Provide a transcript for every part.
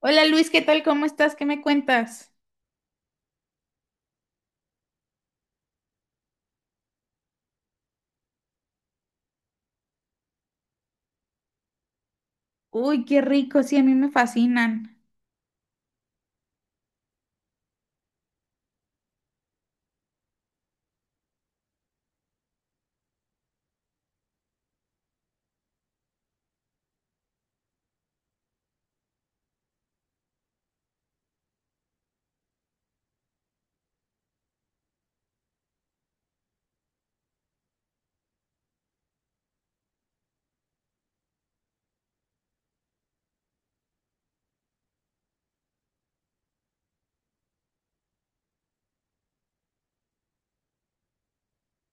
Hola Luis, ¿qué tal? ¿Cómo estás? ¿Qué me cuentas? Uy, qué rico, sí, a mí me fascinan,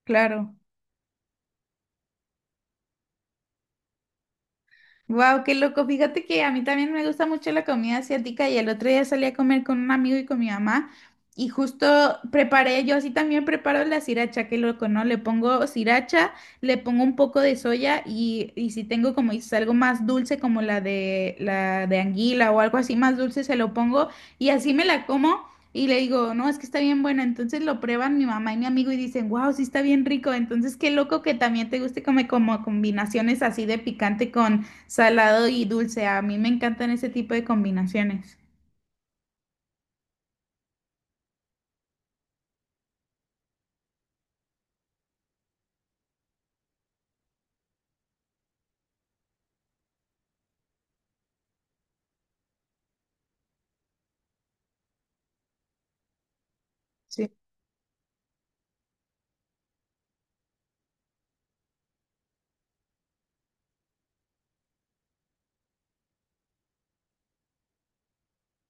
claro. Wow, qué loco. Fíjate que a mí también me gusta mucho la comida asiática y el otro día salí a comer con un amigo y con mi mamá y justo preparé, yo así también preparo la sriracha, qué loco, ¿no? Le pongo sriracha, le pongo un poco de soya y si tengo como dices algo más dulce como la de anguila o algo así más dulce se lo pongo y así me la como. Y le digo, no, es que está bien buena. Entonces lo prueban mi mamá y mi amigo y dicen, wow, sí está bien rico. Entonces qué loco que también te guste como, como combinaciones así de picante con, salado y dulce, a mí me encantan ese tipo de combinaciones. Sí.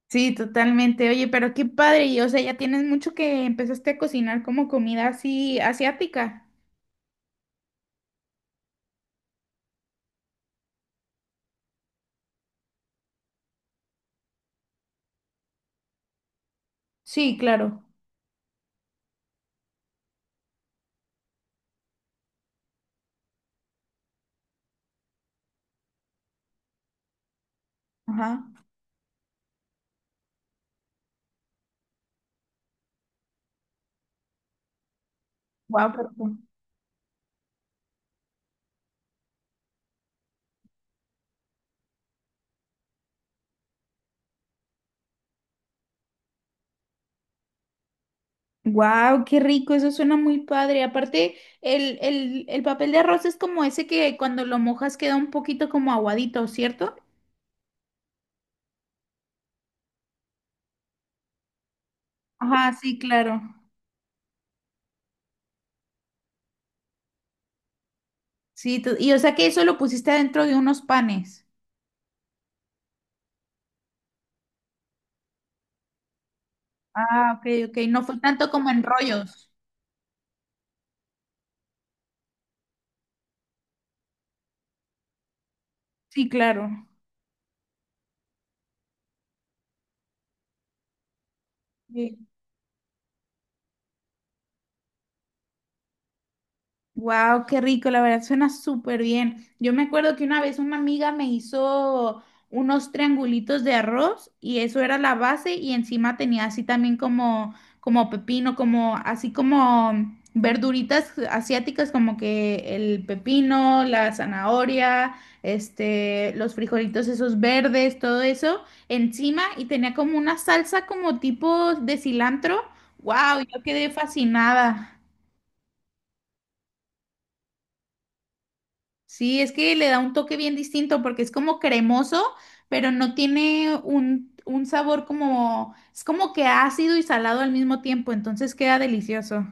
Sí, totalmente. Oye, pero qué padre, y o sea, ya tienes mucho que empezaste a cocinar como comida así asiática. Sí, claro. Ajá. Wow, Wow, qué rico, eso suena muy padre. Aparte, el papel de arroz es como ese que cuando lo mojas queda un poquito como aguadito, ¿cierto? Ajá, sí, claro. Sí, y o sea que eso lo pusiste adentro de unos panes. Ah, ok, ok, no fue tanto como en rollos. Sí, claro. Wow, qué rico, la verdad suena súper bien. Yo me acuerdo que una vez una amiga me hizo unos triangulitos de arroz y eso era la base y encima tenía así también como como pepino, como así como verduritas asiáticas como que el pepino, la zanahoria, este, los frijolitos esos verdes, todo eso encima y tenía como una salsa como tipo de cilantro. Wow, yo quedé fascinada. Sí, es que le da un toque bien distinto porque es como cremoso, pero no tiene un sabor como, es como que ácido y salado al mismo tiempo, entonces queda delicioso.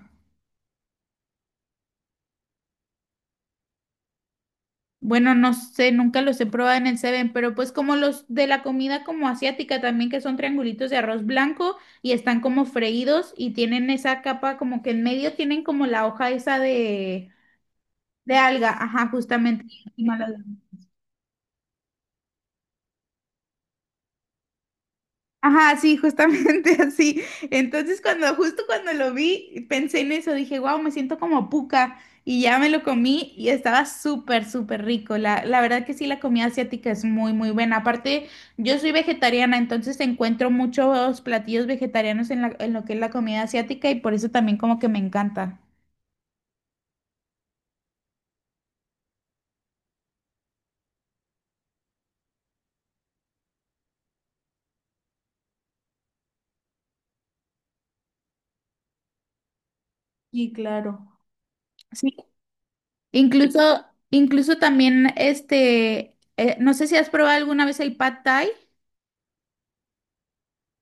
Bueno, no sé, nunca los he probado en el Seven, pero pues como los de la comida como asiática también, que son triangulitos de arroz blanco y están como freídos y tienen esa capa como que en medio tienen como la hoja esa de alga, ajá, justamente. Y encima la- Ajá, sí, justamente así. Entonces, cuando, justo cuando lo vi, pensé en eso, dije, wow, me siento como puca. Y ya me lo comí y estaba súper, súper rico. La verdad que sí, la comida asiática es muy, muy buena. Aparte, yo soy vegetariana, entonces encuentro muchos platillos vegetarianos en la- en lo que es la comida asiática y por eso también como que me encanta. Sí, claro. Sí, incluso, incluso también este, no sé si has probado alguna vez el pad thai.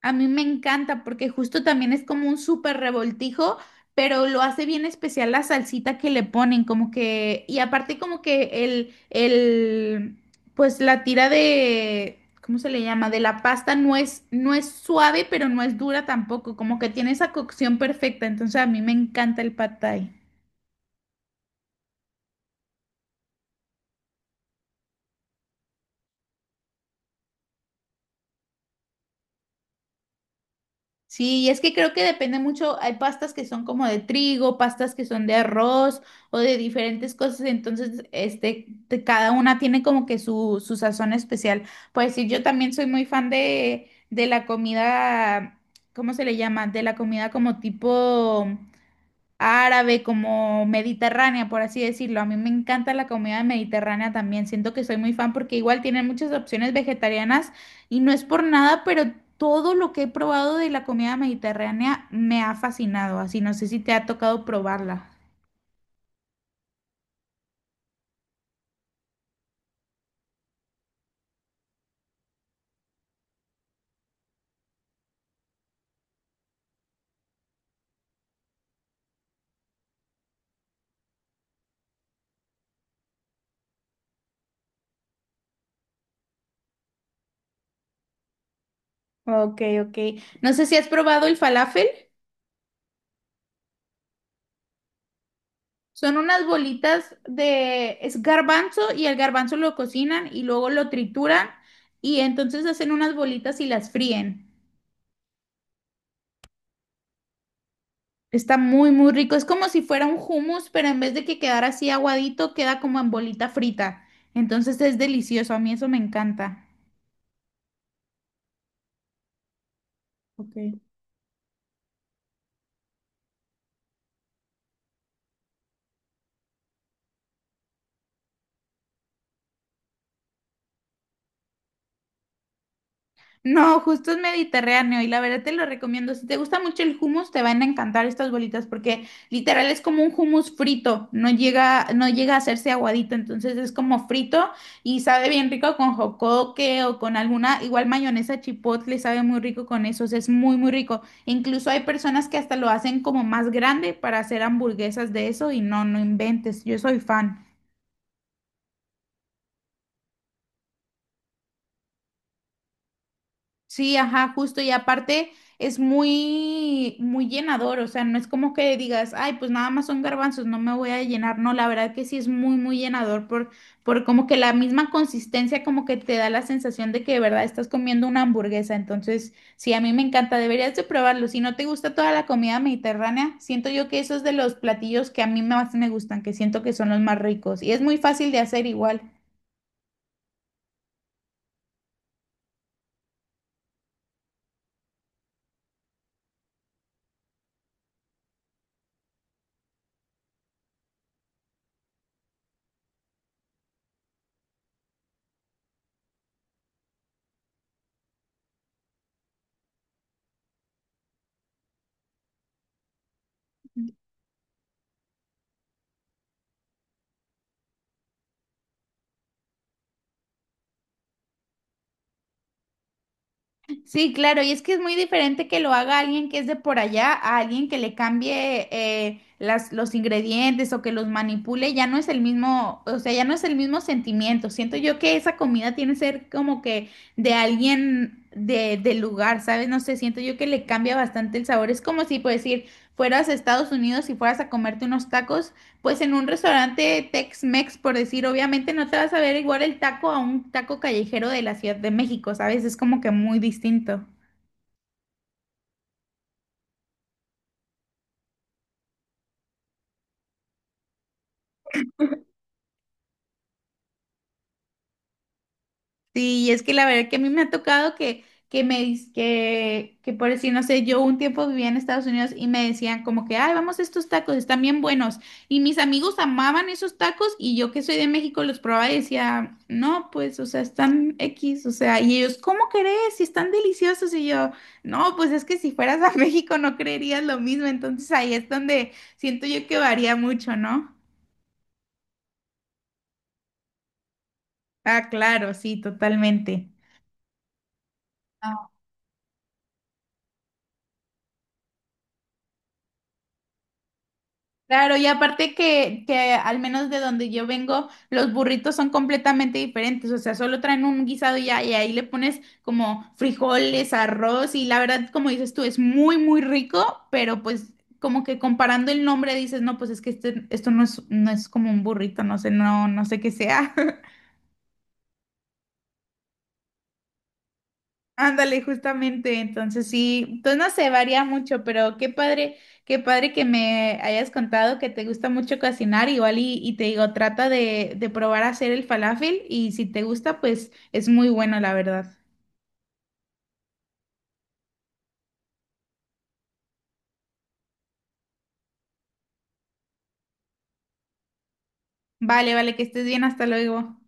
A mí me encanta porque justo también es como un súper revoltijo, pero lo hace bien especial la salsita que le ponen, como que, y aparte como que el, pues la tira de, ¿cómo se le llama? De la pasta no es, no es suave, pero no es dura tampoco, como que tiene esa cocción perfecta, entonces a mí me encanta el pad thai. Sí, y es que creo que depende mucho, hay pastas que son como de trigo, pastas que son de arroz o de diferentes cosas, entonces este, cada una tiene como que su sazón especial. Pues sí, yo también soy muy fan de la comida, ¿cómo se le llama? De la comida como tipo árabe, como mediterránea, por así decirlo. A mí me encanta la comida mediterránea también. Siento que soy muy fan porque igual tienen muchas opciones vegetarianas y no es por nada, pero todo lo que he probado de la comida mediterránea me ha fascinado. Así no sé si te ha tocado probarla. Ok, ok. No sé si has probado el falafel. Son unas bolitas de, es garbanzo y el garbanzo lo cocinan y luego lo trituran y entonces hacen unas bolitas y las fríen. Está muy, muy rico. Es como si fuera un hummus, pero en vez de que quedara así aguadito, queda como en bolita frita. Entonces es delicioso. A mí eso me encanta. Ok. No, justo es mediterráneo y la verdad te lo recomiendo. Si te gusta mucho el hummus, te van a encantar estas bolitas porque literal es como un hummus frito, no llega, no llega a hacerse aguadito, entonces es como frito y sabe bien rico con jocoque o con alguna, igual mayonesa chipotle, sabe muy rico con eso, o sea, es muy, muy rico. Incluso hay personas que hasta lo hacen como más grande para hacer hamburguesas de eso y no, no inventes, yo soy fan. Sí, ajá, justo. Y aparte es muy, muy llenador. O sea, no es como que digas, ay, pues nada más son garbanzos, no me voy a llenar. No, la verdad que sí es muy, muy llenador por como que la misma consistencia como que te da la sensación de que de verdad estás comiendo una hamburguesa. Entonces, sí, a mí me encanta. Deberías de probarlo. Si no te gusta toda la comida mediterránea, siento yo que eso es de los platillos que a mí más me gustan, que siento que son los más ricos. Y es muy fácil de hacer igual. Sí, claro, y es que es muy diferente que lo haga alguien que es de por allá a alguien que le cambie las, los ingredientes o que los manipule, ya no es el mismo, o sea, ya no es el mismo sentimiento. Siento yo que esa comida tiene que ser como que de alguien de, del lugar, ¿sabes? No sé, siento yo que le cambia bastante el sabor. Es como si, por decir, fueras a Estados Unidos y fueras a comerte unos tacos pues en un restaurante Tex-Mex, por decir, obviamente no te vas a ver igual el taco a un taco callejero de la Ciudad de México, ¿sabes? Es como que muy distinto. Sí, y es que la verdad que a mí me ha tocado que, que por decir, no sé, yo un tiempo vivía en Estados Unidos y me decían como que, ay, vamos a estos tacos, están bien buenos. Y mis amigos amaban esos tacos y yo que soy de México los probaba y decía, no, pues, o sea, están X, o sea, y ellos, ¿cómo crees? Si están deliciosos. Y yo, no, pues es que si fueras a México no creerías lo mismo. Entonces ahí es donde siento yo que varía mucho, ¿no? Ah, claro, sí, totalmente. Claro, y aparte que al menos de donde yo vengo, los burritos son completamente diferentes, o sea, solo traen un guisado y ya, y ahí le pones como frijoles, arroz, y la verdad, como dices tú, es muy, muy rico, pero pues como que comparando el nombre dices, no, pues es que este, esto no es, no es como un burrito, no sé, no, no sé qué sea. Ándale, justamente, entonces sí, entonces no sé, varía mucho, pero qué padre que me hayas contado que te gusta mucho cocinar, igual y te digo, trata de probar a hacer el falafel y si te gusta, pues es muy bueno, la verdad. Vale, vale, que estés bien, hasta luego.